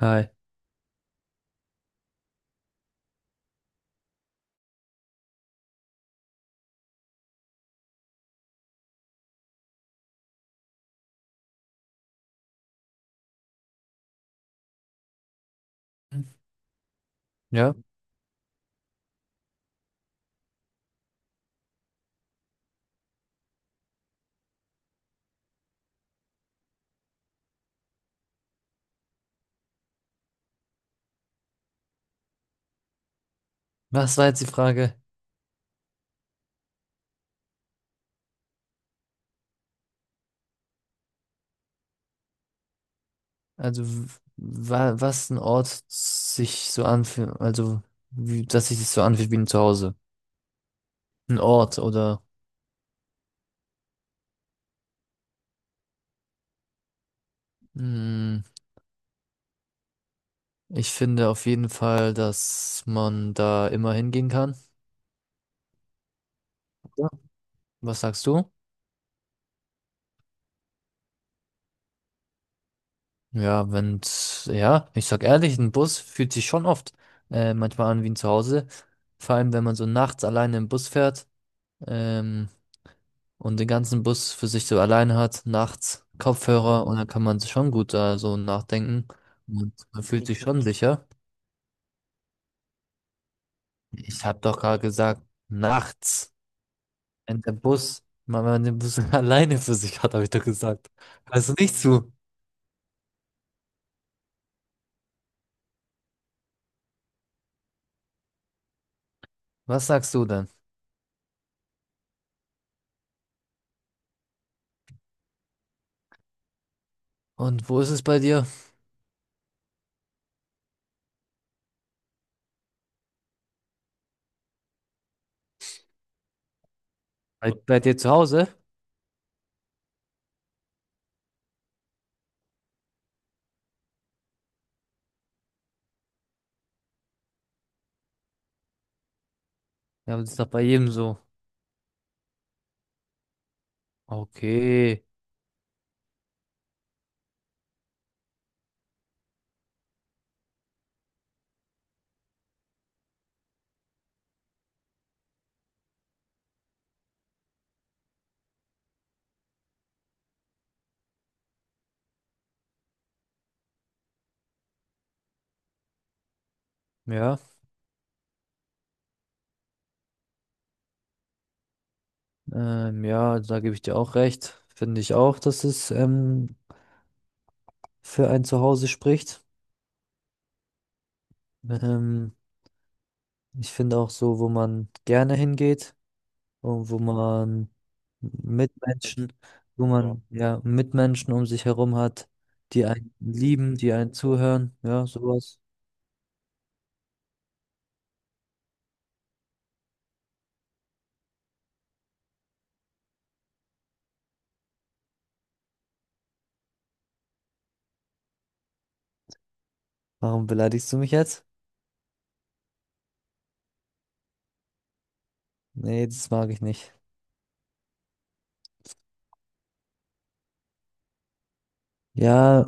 Hi. Ja, was war jetzt die Frage? Also, w- wa was ein Ort sich so anfühlt, also, wie, dass sich das so anfühlt wie ein Zuhause. Ein Ort oder, mh, ich finde auf jeden Fall, dass man da immer hingehen kann. Ja. Was sagst du? Ja, wenn's, ich sag ehrlich, ein Bus fühlt sich schon oft manchmal an wie ein Zuhause. Vor allem, wenn man so nachts alleine im Bus fährt. Ähm, und den ganzen Bus für sich so alleine hat, nachts Kopfhörer, und dann kann man sich schon gut da so nachdenken und man fühlt sich schon sicher. Ich habe doch gerade gesagt, nachts, wenn man den Bus alleine für sich hat, habe ich doch gesagt. Hörst du nicht zu? Was sagst du denn? Und wo ist es bei dir? Bei dir zu Hause? Ja, aber das ist doch bei jedem so. Okay, ja, ja, da gebe ich dir auch recht. Finde ich auch, dass es für ein Zuhause spricht. Ähm, Ich finde auch so, wo man gerne hingeht und wo man Mitmenschen, wo Ja. man ja Mitmenschen um sich herum hat, die einen lieben, die einen zuhören, ja, sowas. Warum beleidigst du mich jetzt? Nee, das mag ich nicht. Ja,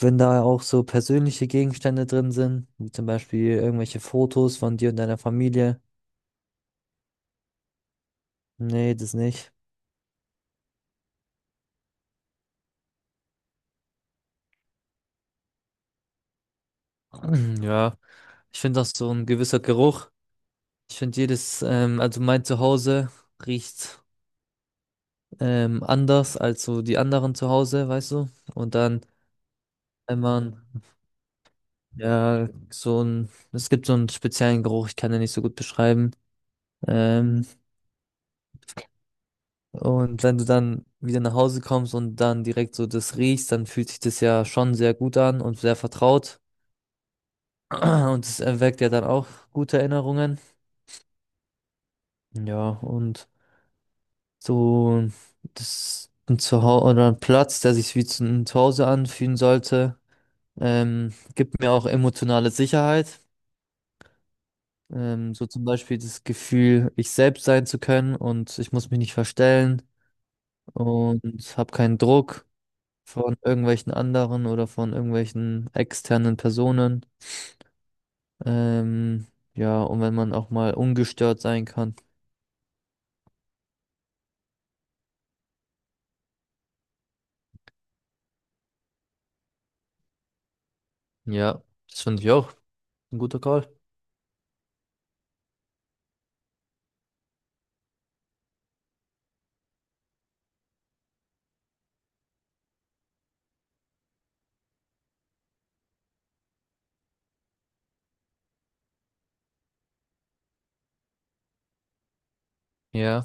wenn da auch so persönliche Gegenstände drin sind, wie zum Beispiel irgendwelche Fotos von dir und deiner Familie. Nee, das nicht. Ja, ich finde auch, so ein gewisser Geruch. Ich finde jedes, also mein Zuhause riecht anders als so die anderen zu Hause, weißt du? Und dann, wenn man, ja, so ein, es gibt so einen speziellen Geruch, ich kann den nicht so gut beschreiben. Ähm, und wenn du dann wieder nach Hause kommst und dann direkt so das riechst, dann fühlt sich das ja schon sehr gut an und sehr vertraut. Und es erweckt ja dann auch gute Erinnerungen. Ja, und so, das ein Zuhause oder ein Platz, der sich wie ein Zuhause anfühlen sollte, gibt mir auch emotionale Sicherheit. So zum Beispiel das Gefühl, ich selbst sein zu können und ich muss mich nicht verstellen und habe keinen Druck von irgendwelchen anderen oder von irgendwelchen externen Personen. Ähm, ja, und wenn man auch mal ungestört sein kann. Ja, das finde ich auch. Ein guter Call. Ja,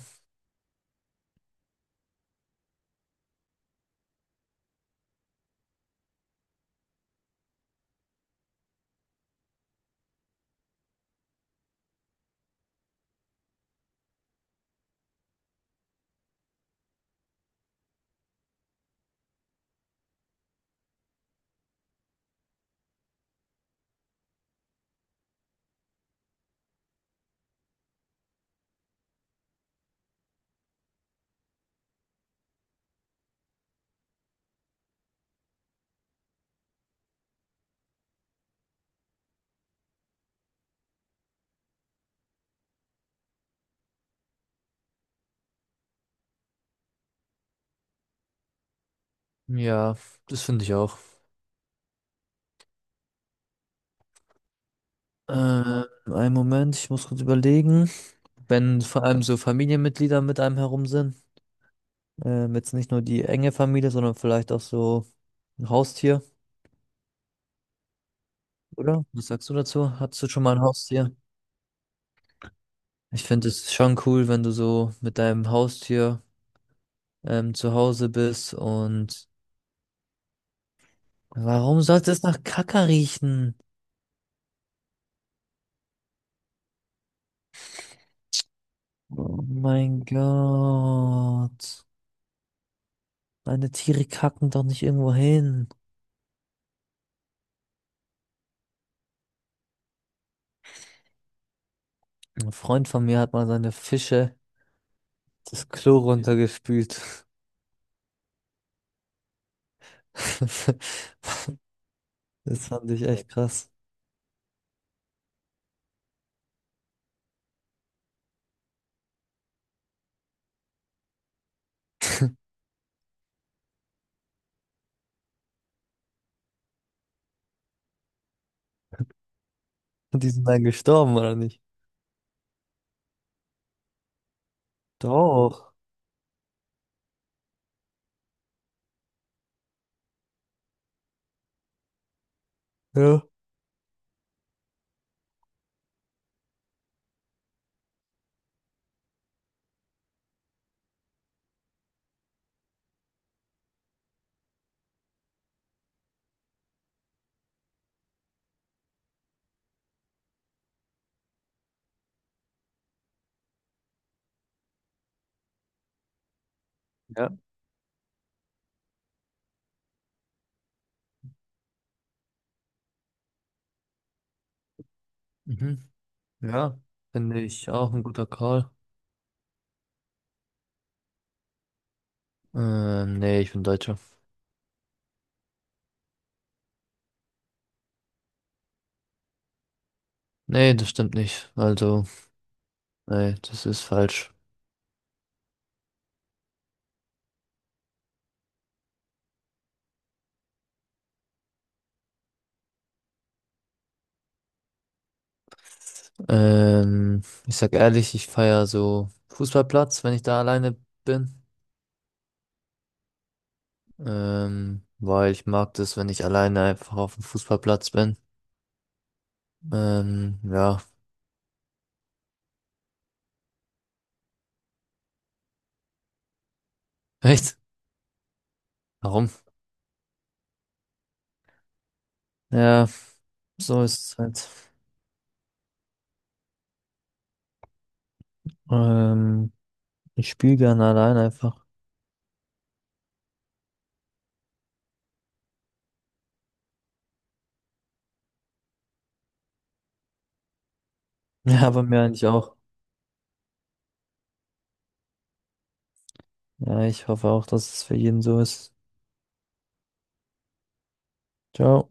ja, das finde ich auch. Ähm, einen Moment, ich muss kurz überlegen. Wenn vor allem so Familienmitglieder mit einem herum sind. Jetzt nicht nur die enge Familie, sondern vielleicht auch so ein Haustier, oder? Was sagst du dazu? Hattest du schon mal ein Haustier? Ich finde es schon cool, wenn du so mit deinem Haustier zu Hause bist und warum sollte es nach Kacke riechen? Oh mein Gott. Meine Tiere kacken doch nicht irgendwo hin. Ein Freund von mir hat mal seine Fische das Klo runtergespült. Das fand ich echt krass. Und die sind dann gestorben, oder nicht? Doch. Ja. Ja. Mhm. Ja, finde ich auch ein guter Call. Nee, ich bin Deutscher. Nee, das stimmt nicht. Also, nee, das ist falsch. Ich sag ehrlich, ich feier so Fußballplatz, wenn ich da alleine bin. Weil ich mag das, wenn ich alleine einfach auf dem Fußballplatz bin. Ja. Echt? Warum? Ja, so ist es halt. Ähm, ich spiele gerne allein einfach. Ja, bei mir eigentlich auch. Ja, ich hoffe auch, dass es für jeden so ist. Ciao.